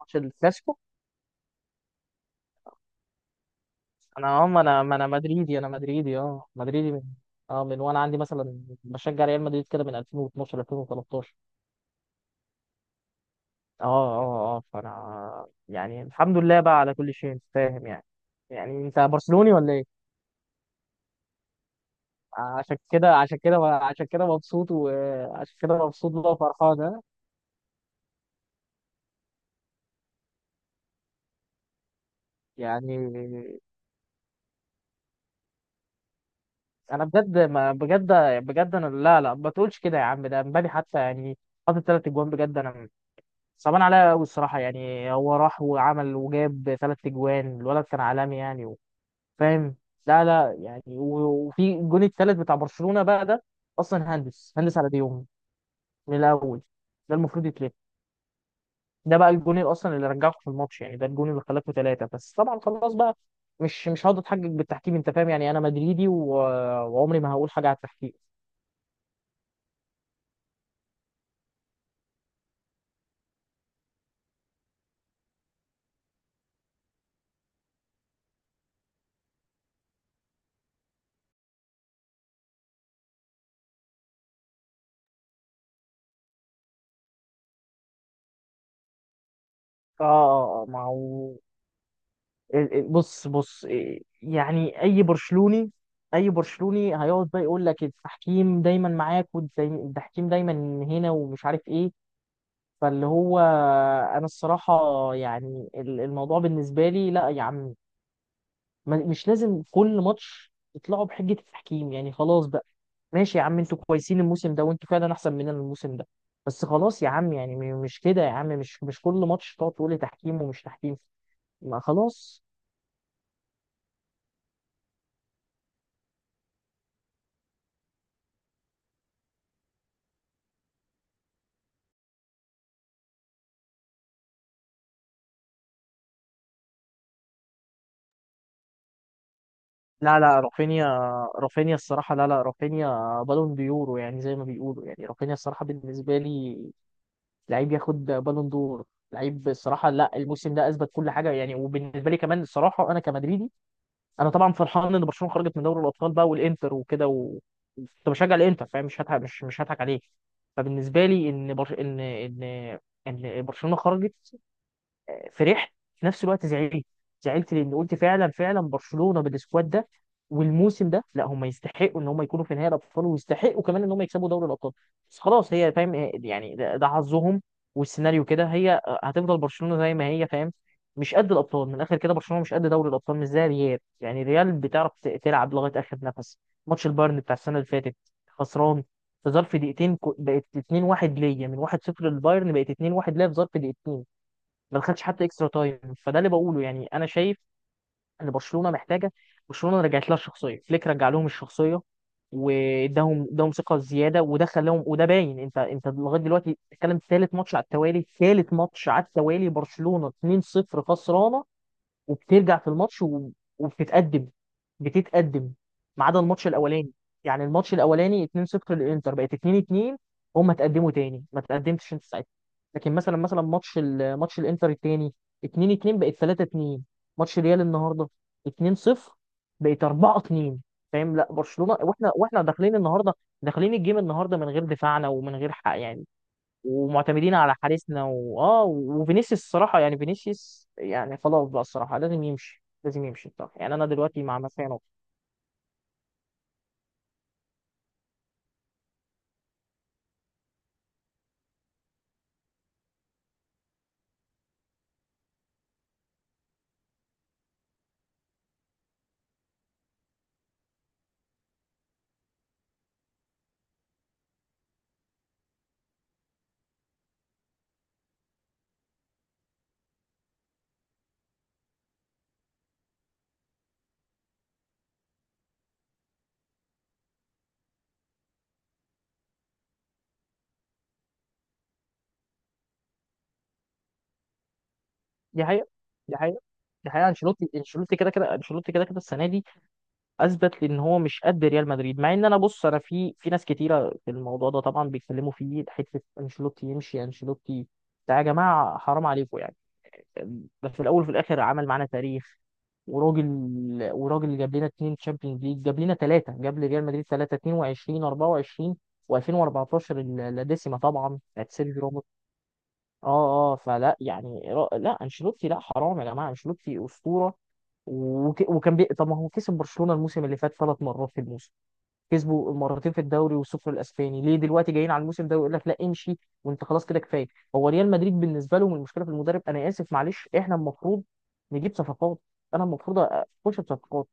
ماتش الكلاسيكو. انا اه ما انا ما انا مدريدي. مدريدي من وانا عندي مثلا بشجع ريال مدريد كده من 2012 2013. فانا يعني الحمد لله بقى على كل شيء، انت فاهم يعني. يعني انت برشلوني ولا ايه؟ عشان كده مبسوط، وعشان كده مبسوط بقى وفرحان، ها؟ يعني انا بجد، ما بجد بجد انا، لا لا ما تقولش كده يا عم. ده امبابي حتى يعني حاطط ثلاث اجوان، بجد انا صعبان عليا قوي الصراحه. يعني هو راح وعمل وجاب ثلاث اجوان، الولد كان عالمي يعني فاهم لا لا يعني وفي الجون الثالث بتاع برشلونه بقى ده اصلا، هندس على ديوم من الاول. ده المفروض يتلف. ده بقى الجون اللي اصلا اللي رجعكم في الماتش، يعني ده الجون اللي خلاكم ثلاثه، بس طبعا خلاص بقى. مش هقعد اتحجج بالتحكيم، انت فاهم يعني، انا مدريدي وعمري ما هقول حاجه على التحكيم. ما هو بص إيه، يعني اي برشلوني، هيقعد بقى يقول لك التحكيم دايما معاك، والتحكيم دايما هنا ومش عارف ايه. فاللي هو انا الصراحه، يعني الموضوع بالنسبه لي لا يا عم، مش لازم كل ماتش تطلعوا بحجه التحكيم، يعني خلاص بقى. ماشي يا عم، انتوا كويسين الموسم ده، وانتوا فعلا احسن مننا الموسم ده، بس خلاص يا عم. يعني مش كده يا عم، مش كل ماتش تقعد تقول لي تحكيم ومش تحكيم. ما خلاص. لا لا رافينيا، الصراحة لا لا رافينيا بالون ديورو يعني زي ما بيقولوا، يعني رافينيا الصراحة بالنسبة لي لعيب ياخد بالون دور، لعيب الصراحة. لا، الموسم ده أثبت كل حاجة يعني، وبالنسبة لي كمان الصراحة، أنا كمدريدي أنا طبعا فرحان إن برشلونة خرجت من دوري الأبطال بقى، والإنتر وكده، و... كنت بشجع الإنتر، فاهم؟ مش هضحك عليك. فبالنسبة لي إن برش... إن إن إن برشلونة خرجت، فرحت. في نفس الوقت زعلت، زعلت لان قلت فعلا فعلا برشلونه بالسكواد ده والموسم ده، لا هم يستحقوا ان هم يكونوا في نهائي الابطال، ويستحقوا كمان ان هم يكسبوا دوري الابطال. بس خلاص، هي فاهم. يعني ده حظهم، والسيناريو كده. هي هتفضل برشلونه زي ما هي، فاهم، مش قد الابطال. من الاخر كده برشلونه مش قد دوري الابطال، مش زي ريال. يعني ريال بتعرف تلعب لغايه اخر نفس. ماتش البايرن بتاع السنه اللي فاتت، خسران في ظرف دقيقتين، بقت 2-1 ليا من 1-0 للبايرن، بقت 2-1 ليا في ظرف دقيقتين، ما دخلش حتى اكسترا تايم. فده اللي بقوله، يعني انا شايف ان برشلونه محتاجه. برشلونه رجعت لها الشخصيه، فليك رجع لهم الشخصيه واداهم، اداهم ثقه زياده، وده خلاهم، وده باين. انت لغايه دلوقتي بتتكلم، ثالث ماتش على التوالي، برشلونه 2-0 خسرانه وبترجع في الماتش و... وبتتقدم، بتتقدم ما عدا الماتش الاولاني، يعني الماتش الاولاني 2-0 للانتر، بقت 2-2، هم اتقدموا تاني، ما اتقدمتش انت ساعتها. لكن مثلا ماتش ماتش الانتر التاني 2-2 بقت 3-2، ماتش ريال النهارده 2-0 بقت 4-2، فاهم. لا برشلونه، واحنا داخلين الجيم النهارده من غير دفاعنا، ومن غير حق يعني، ومعتمدين على حارسنا وفينيسيوس الصراحه، يعني فينيسيوس يعني خلاص بقى الصراحه، لازم يمشي، الصراحه يعني انا دلوقتي مع مسانو. دي حقيقه دي حقيقه دي حقيقه. انشيلوتي كده كده السنه دي اثبت لي ان هو مش قد ريال مدريد. مع ان انا بص، انا في ناس كتيره في الموضوع ده طبعا بيتكلموا فيه حته انشيلوتي يمشي، انشيلوتي ده يا جماعه حرام عليكم يعني. بس في الاول وفي الاخر عمل معانا تاريخ، وراجل وراجل جاب لنا اتنين تشامبيونز ليج، جاب لنا ثلاثه، جاب لريال مدريد ثلاثه، 22 24 و2014، اللاديسيما طبعا بتاعت سيرجيو روبرت. اه فلا يعني لا انشيلوتي، لا حرام يا جماعه، انشيلوتي اسطوره. طب ما هو كسب برشلونه الموسم اللي فات ثلاث مرات في الموسم، كسبوا مرتين في الدوري والسوبر الاسباني، ليه دلوقتي جايين على الموسم ده ويقول لك لا امشي وانت خلاص كده كفايه؟ هو ريال مدريد بالنسبه لهم المشكله في المدرب؟ انا اسف معلش، احنا المفروض نجيب صفقات، انا المفروض اخش بصفقات.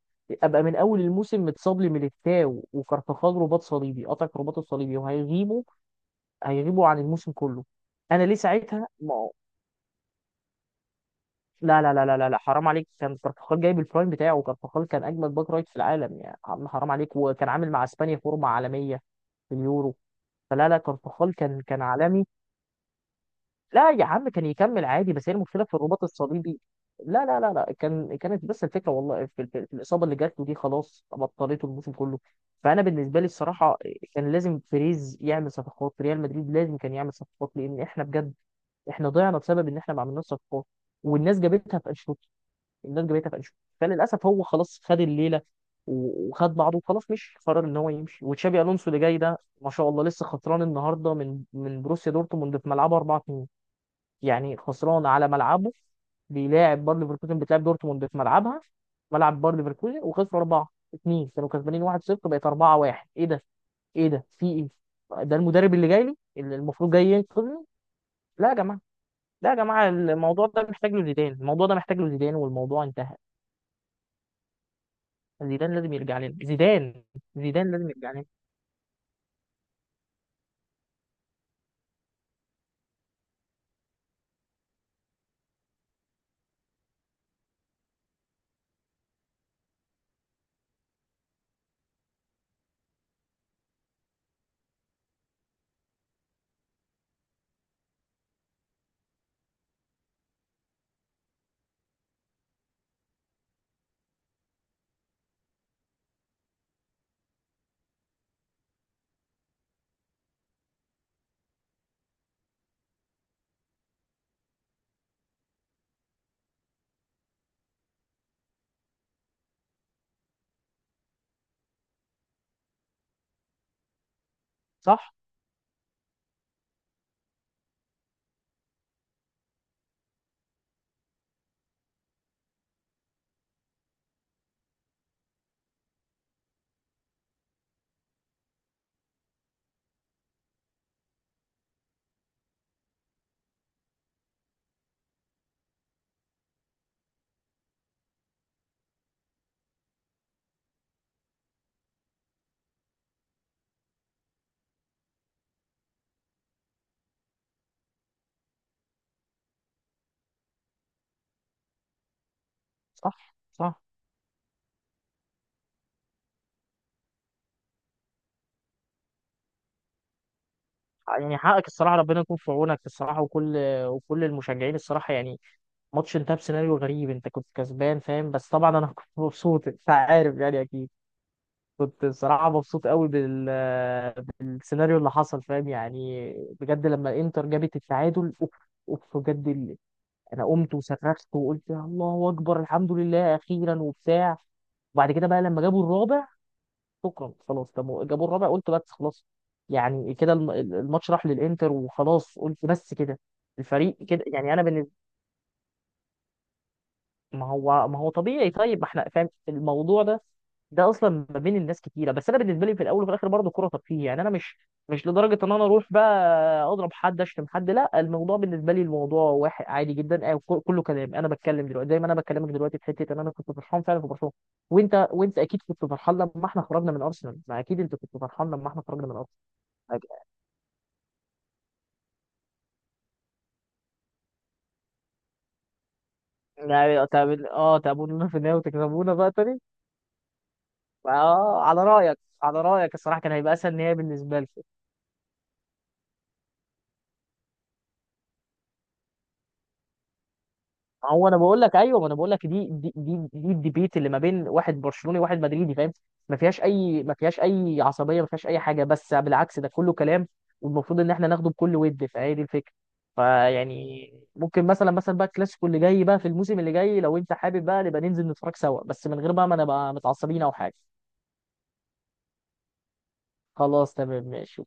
ابقى من اول الموسم متصاب لي ميليتاو وكارفاخال رباط صليبي، قطع رباطه الصليبي وهيغيبوا، هيغيبوا عن الموسم كله. انا ليه ساعتها ما... لا لا لا لا لا لا، حرام عليك. كان كارفاخال جايب البرايم بتاعه، وكارفاخال كان اجمد باك رايت في العالم يا عم، حرام عليك. وكان عامل مع اسبانيا فورمه عالميه في اليورو. فلا لا كارفخال كان عالمي. لا يا عم، كان يكمل عادي، بس هي المشكله في الرباط الصليبي. لا لا لا لا كانت بس الفكره والله في الاصابه اللي جات له دي، خلاص بطلته الموسم كله. فانا بالنسبه لي الصراحه كان لازم بيريز يعمل صفقات. ريال مدريد لازم كان يعمل صفقات، لان احنا بجد احنا ضيعنا بسبب ان احنا ما عملناش صفقات. والناس جابتها في، الناس جابتها في انشيلوتي، فللاسف هو خلاص خد الليله وخد بعضه وخلاص مشي، قرر ان هو يمشي. وتشابي الونسو اللي جاي ده ما شاء الله، لسه خسران النهارده من بروسيا دورتموند في ملعبه 4-2. يعني خسران على ملعبه، بيلاعب باير ليفركوزن، بتلعب دورتموند في ملعبها ملعب باير ليفركوزن، وخسروا 4-2، كانوا كسبانين 1-0 بقت 4-1. ايه ده؟ في ايه؟ ده المدرب اللي جاي لي، اللي المفروض جاي ينقذني؟ لا يا جماعه، الموضوع ده محتاج له زيدان والموضوع انتهى. زيدان لازم يرجع لنا زيدان، زيدان لازم يرجع لنا صح صح صح. يعني حقك الصراحة، ربنا يكون في عونك الصراحة، وكل المشجعين الصراحة يعني. ماتش انتهى بسيناريو غريب، انت كنت كسبان فاهم، بس طبعا انا كنت مبسوط انت عارف يعني، اكيد كنت الصراحة مبسوط قوي بالسيناريو اللي حصل فاهم يعني. بجد لما انتر جابت التعادل، اوف، بجد انا قمت وصرخت وقلت يا الله اكبر، الحمد لله اخيرا وبتاع. وبعد كده بقى لما جابوا الرابع، شكرا خلاص. طب جابوا الرابع، قلت بس خلاص. يعني كده الماتش راح للانتر وخلاص، قلت بس كده. الفريق كده يعني انا بالنسبه، ما هو طبيعي. طيب، ما احنا فاهم الموضوع ده ده اصلا ما بين الناس كتيره. بس انا بالنسبه لي في الاول وفي الاخر برضه كوره ترفيه، يعني انا مش، مش لدرجه ان انا اروح بقى اضرب حد اشتم حد، لا. الموضوع بالنسبه لي الموضوع واحد عادي جدا آه، كله كلام. انا بتكلم دلوقتي زي ما انا بكلمك دلوقتي، في حته ان انا كنت فرحان فعلا في برشلونه. وانت اكيد كنت فرحان لما احنا خرجنا من ارسنال، ما اكيد انت كنت فرحان لما احنا خرجنا من ارسنال. أكيد. يعني تعبونا في النهاية، وتكسبونا بقى تاني. اه، على رايك الصراحه كان هيبقى اسهل نهائي بالنسبه لي. هو انا بقول لك ايوه، ما انا بقول لك، دي الديبيت اللي ما بين واحد برشلوني وواحد مدريدي فاهم. ما فيهاش اي عصبيه، ما فيهاش اي حاجه، بس بالعكس ده كله كلام. والمفروض ان احنا ناخده بكل ود، فهي دي الفكره. فيعني ممكن مثلا بقى الكلاسيكو اللي جاي بقى في الموسم اللي جاي، لو انت حابب بقى نبقى ننزل نتفرج سوا، بس من غير بقى ما نبقى متعصبين او حاجه. خلاص تمام ماشي.